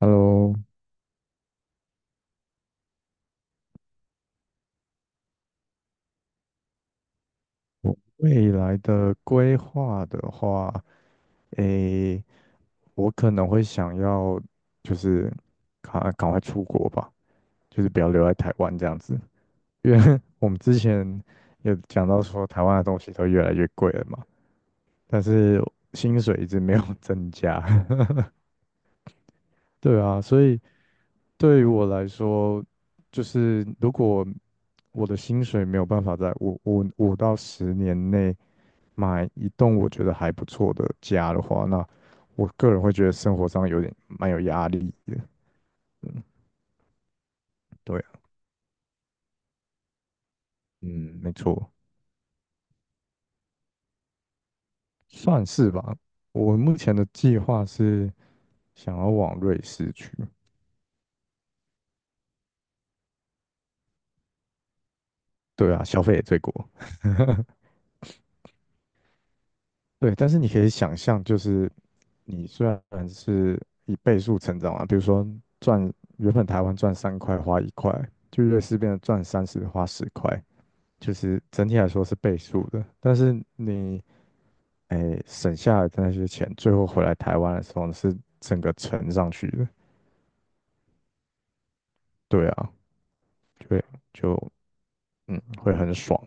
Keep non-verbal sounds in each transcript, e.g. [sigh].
Hello，我未来的规划的话，诶，我可能会想要就是赶快出国吧，就是不要留在台湾这样子，因为 [laughs] 我们之前有讲到说台湾的东西都越来越贵了嘛，但是薪水一直没有 [laughs] 增加，[laughs] 对啊，所以对于我来说，就是如果我的薪水没有办法在五到十年内买一栋我觉得还不错的家的话，那我个人会觉得生活上有点蛮有压力的。嗯，对啊，嗯，没错，算是吧。我目前的计划是想要往瑞士去，对啊，消费也最高。对，但是你可以想象，就是你虽然是以倍数成长啊，比如说赚原本台湾赚三块花一块，就瑞士变成赚三十花十块，就是整体来说是倍数的。但是你省下来的那些钱，最后回来台湾的时候是整个乘上去的。对啊，就会就嗯会很爽。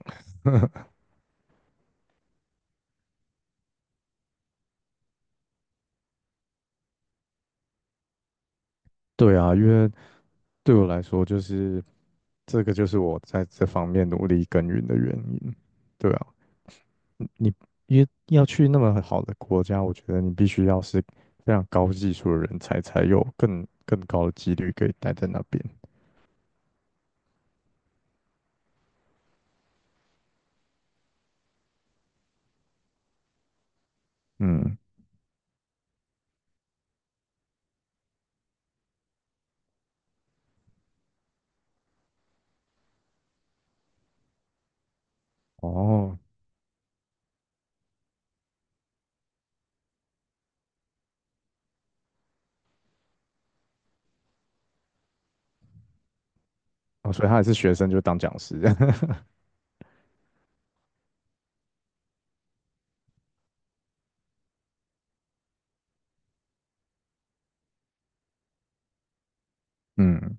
对啊，因为对我来说就是这个就是我在这方面努力耕耘的原因。对啊。你因为要去那么好的国家，我觉得你必须要是非常高技术的人才，才有更高的几率可以待在那边。嗯，哦，哦，所以他也是学生就当讲师。[laughs] 嗯，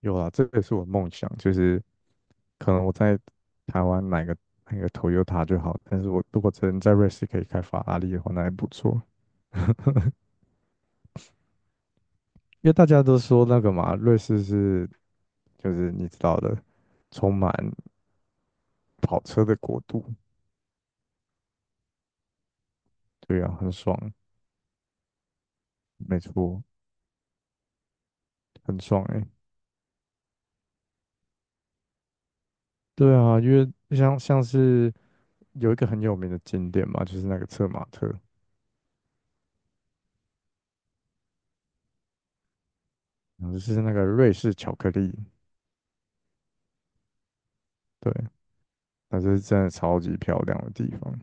有啊，这个是我梦想，就是可能我在台湾买个 Toyota 就好，但是我如果真在瑞士可以开法拉利的话，那还不错。因为大家都说那个嘛，瑞士是就是你知道的，充满跑车的国度，对啊，很爽。没错，很爽哎、对啊，因为像是有一个很有名的景点嘛，就是那个策马特，然后就是那个瑞士巧克力，对，它是真的超级漂亮的地方。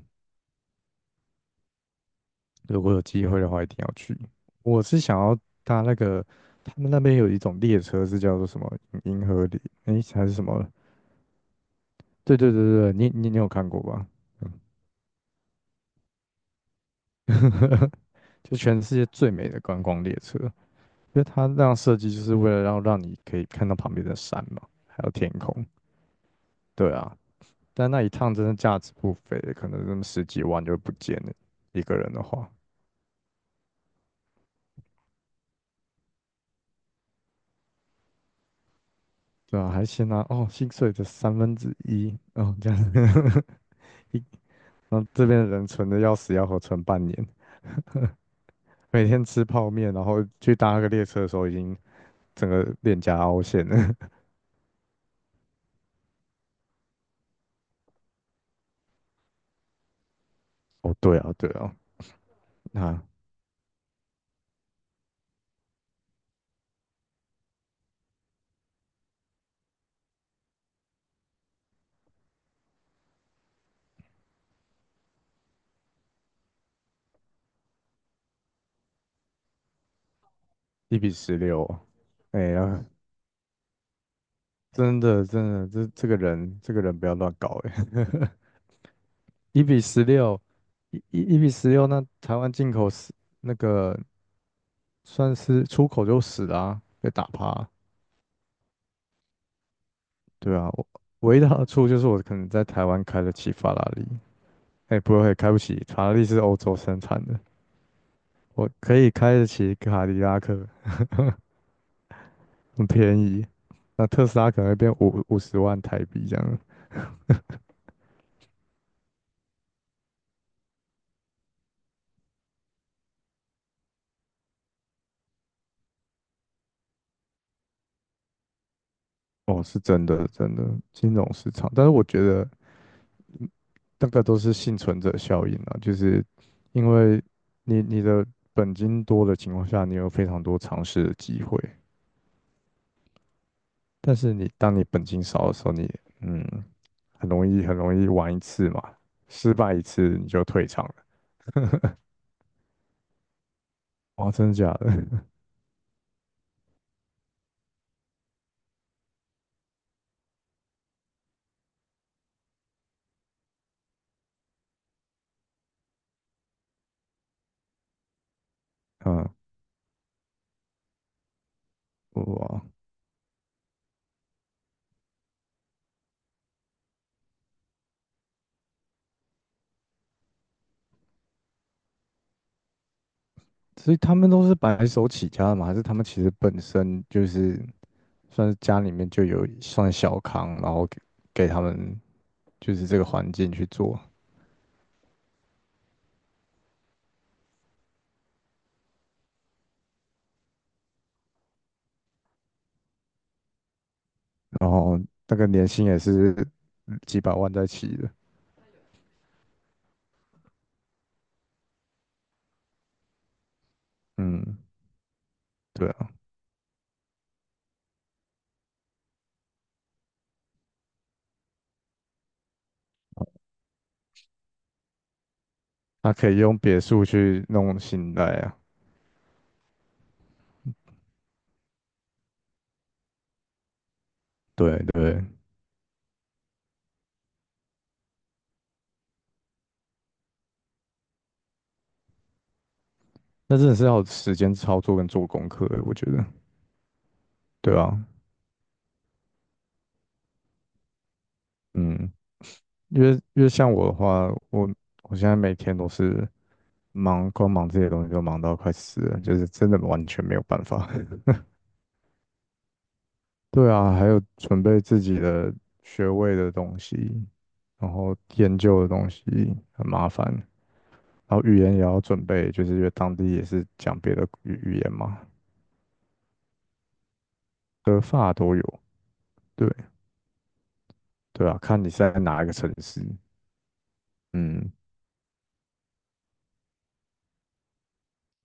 如果有机会的话，一定要去。我是想要搭那个，他们那边有一种列车是叫做什么银河里，还是什么？对对对对，你有看过吧？嗯 [laughs] 就全世界最美的观光列车，因为它那样设计就是为了让你可以看到旁边的山嘛，还有天空。对啊，但那一趟真的价值不菲，可能那么十几万就不见了，一个人的话。对啊，还先拿薪水的三分之一哦这样子，[laughs] 一然后这边的人存的要死要活，存半年，每天吃泡面，然后去搭个列车的时候已经整个脸颊凹陷了。[laughs] 哦，对啊，对啊，那一比十六哦，哎呀，真的真的，这这个人这个人不要乱搞哎，[laughs] 一比十六，一比十六，那台湾进口十那个算是出口就死啦，被打趴啊。对啊，我唯一的好处就是我可能在台湾开得起法拉利，哎、不会开不起，法拉利是欧洲生产的，我可以开得起卡迪拉克，很便宜。那特斯拉可能会变五十万台币这样。哦，是真的，真的金融市场，但是我觉得。那个都是幸存者效应啊，就是因为你的本金多的情况下，你有非常多尝试的机会，但是你当你本金少的时候，你嗯很容易玩一次嘛，失败一次你就退场了。哇，真的假的？[laughs] 嗯，哇，所以他们都是白手起家的嘛，还是他们其实本身就是算是家里面就有算小康，然后给他们就是这个环境去做，然后那个年薪也是。几百万在起的。嗯，对啊，他可以用别墅去弄信贷啊。对对，那真的是要有时间操作跟做功课的，我觉得。对啊，嗯，因为像我的话，我现在每天都是忙，光忙这些东西就忙到快死了，就是真的完全没有办法。[laughs] 对啊，还有准备自己的学位的东西，然后研究的东西很麻烦，然后语言也要准备，就是因为当地也是讲别的语言嘛，德发都有，对对啊，看你在哪一个城市，嗯，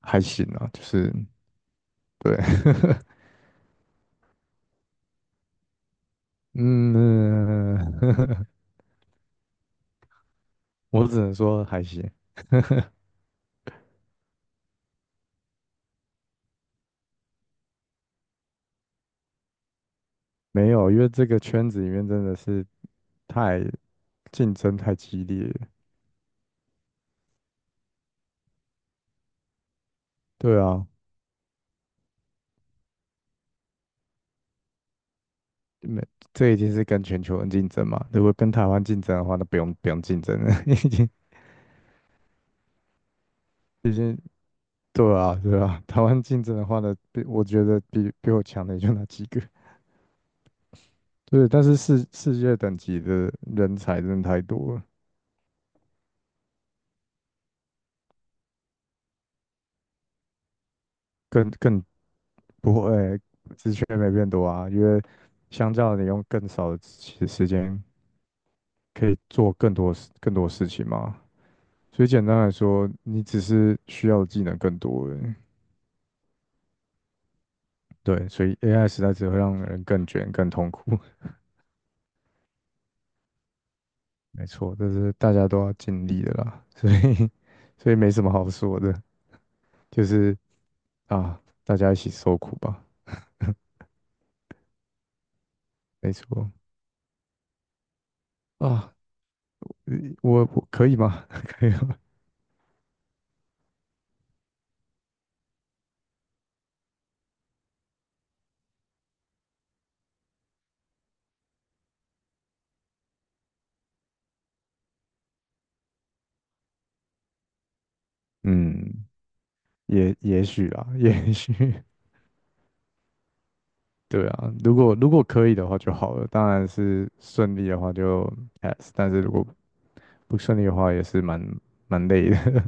还行啊，就是对，[laughs] 嗯，[laughs] 我只能说还行，没有，因为这个圈子里面真的是太竞争太激烈了，对啊，没，这已经是跟全球人竞争嘛，如果跟台湾竞争的话，那不用不用竞争了，[laughs] 已经对啊对啊，台湾竞争的话呢，比我觉得比我强的也就那几个，对，但是世界等级的人才真的太多了，更不会，职缺没变多啊，因为相较你用更少的时间可以做更多事情嘛，所以简单来说，你只是需要的技能更多而已。对，所以 AI 时代只会让人更卷、更痛苦。[laughs] 没错，这是大家都要尽力的啦，所以 [laughs] 所以没什么好说的，就是啊，大家一起受苦吧。没错啊，呃我可以吗？[laughs] 可以吗？嗯，也许啦，[laughs] 也许，[laughs] 对啊，如果可以的话就好了，当然是顺利的话就 但是如果不顺利的话也是蛮累的，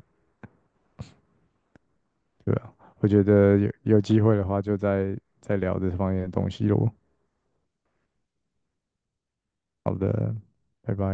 [laughs] 对啊，我觉得有机会的话就再聊这方面的东西咯。好的，拜拜。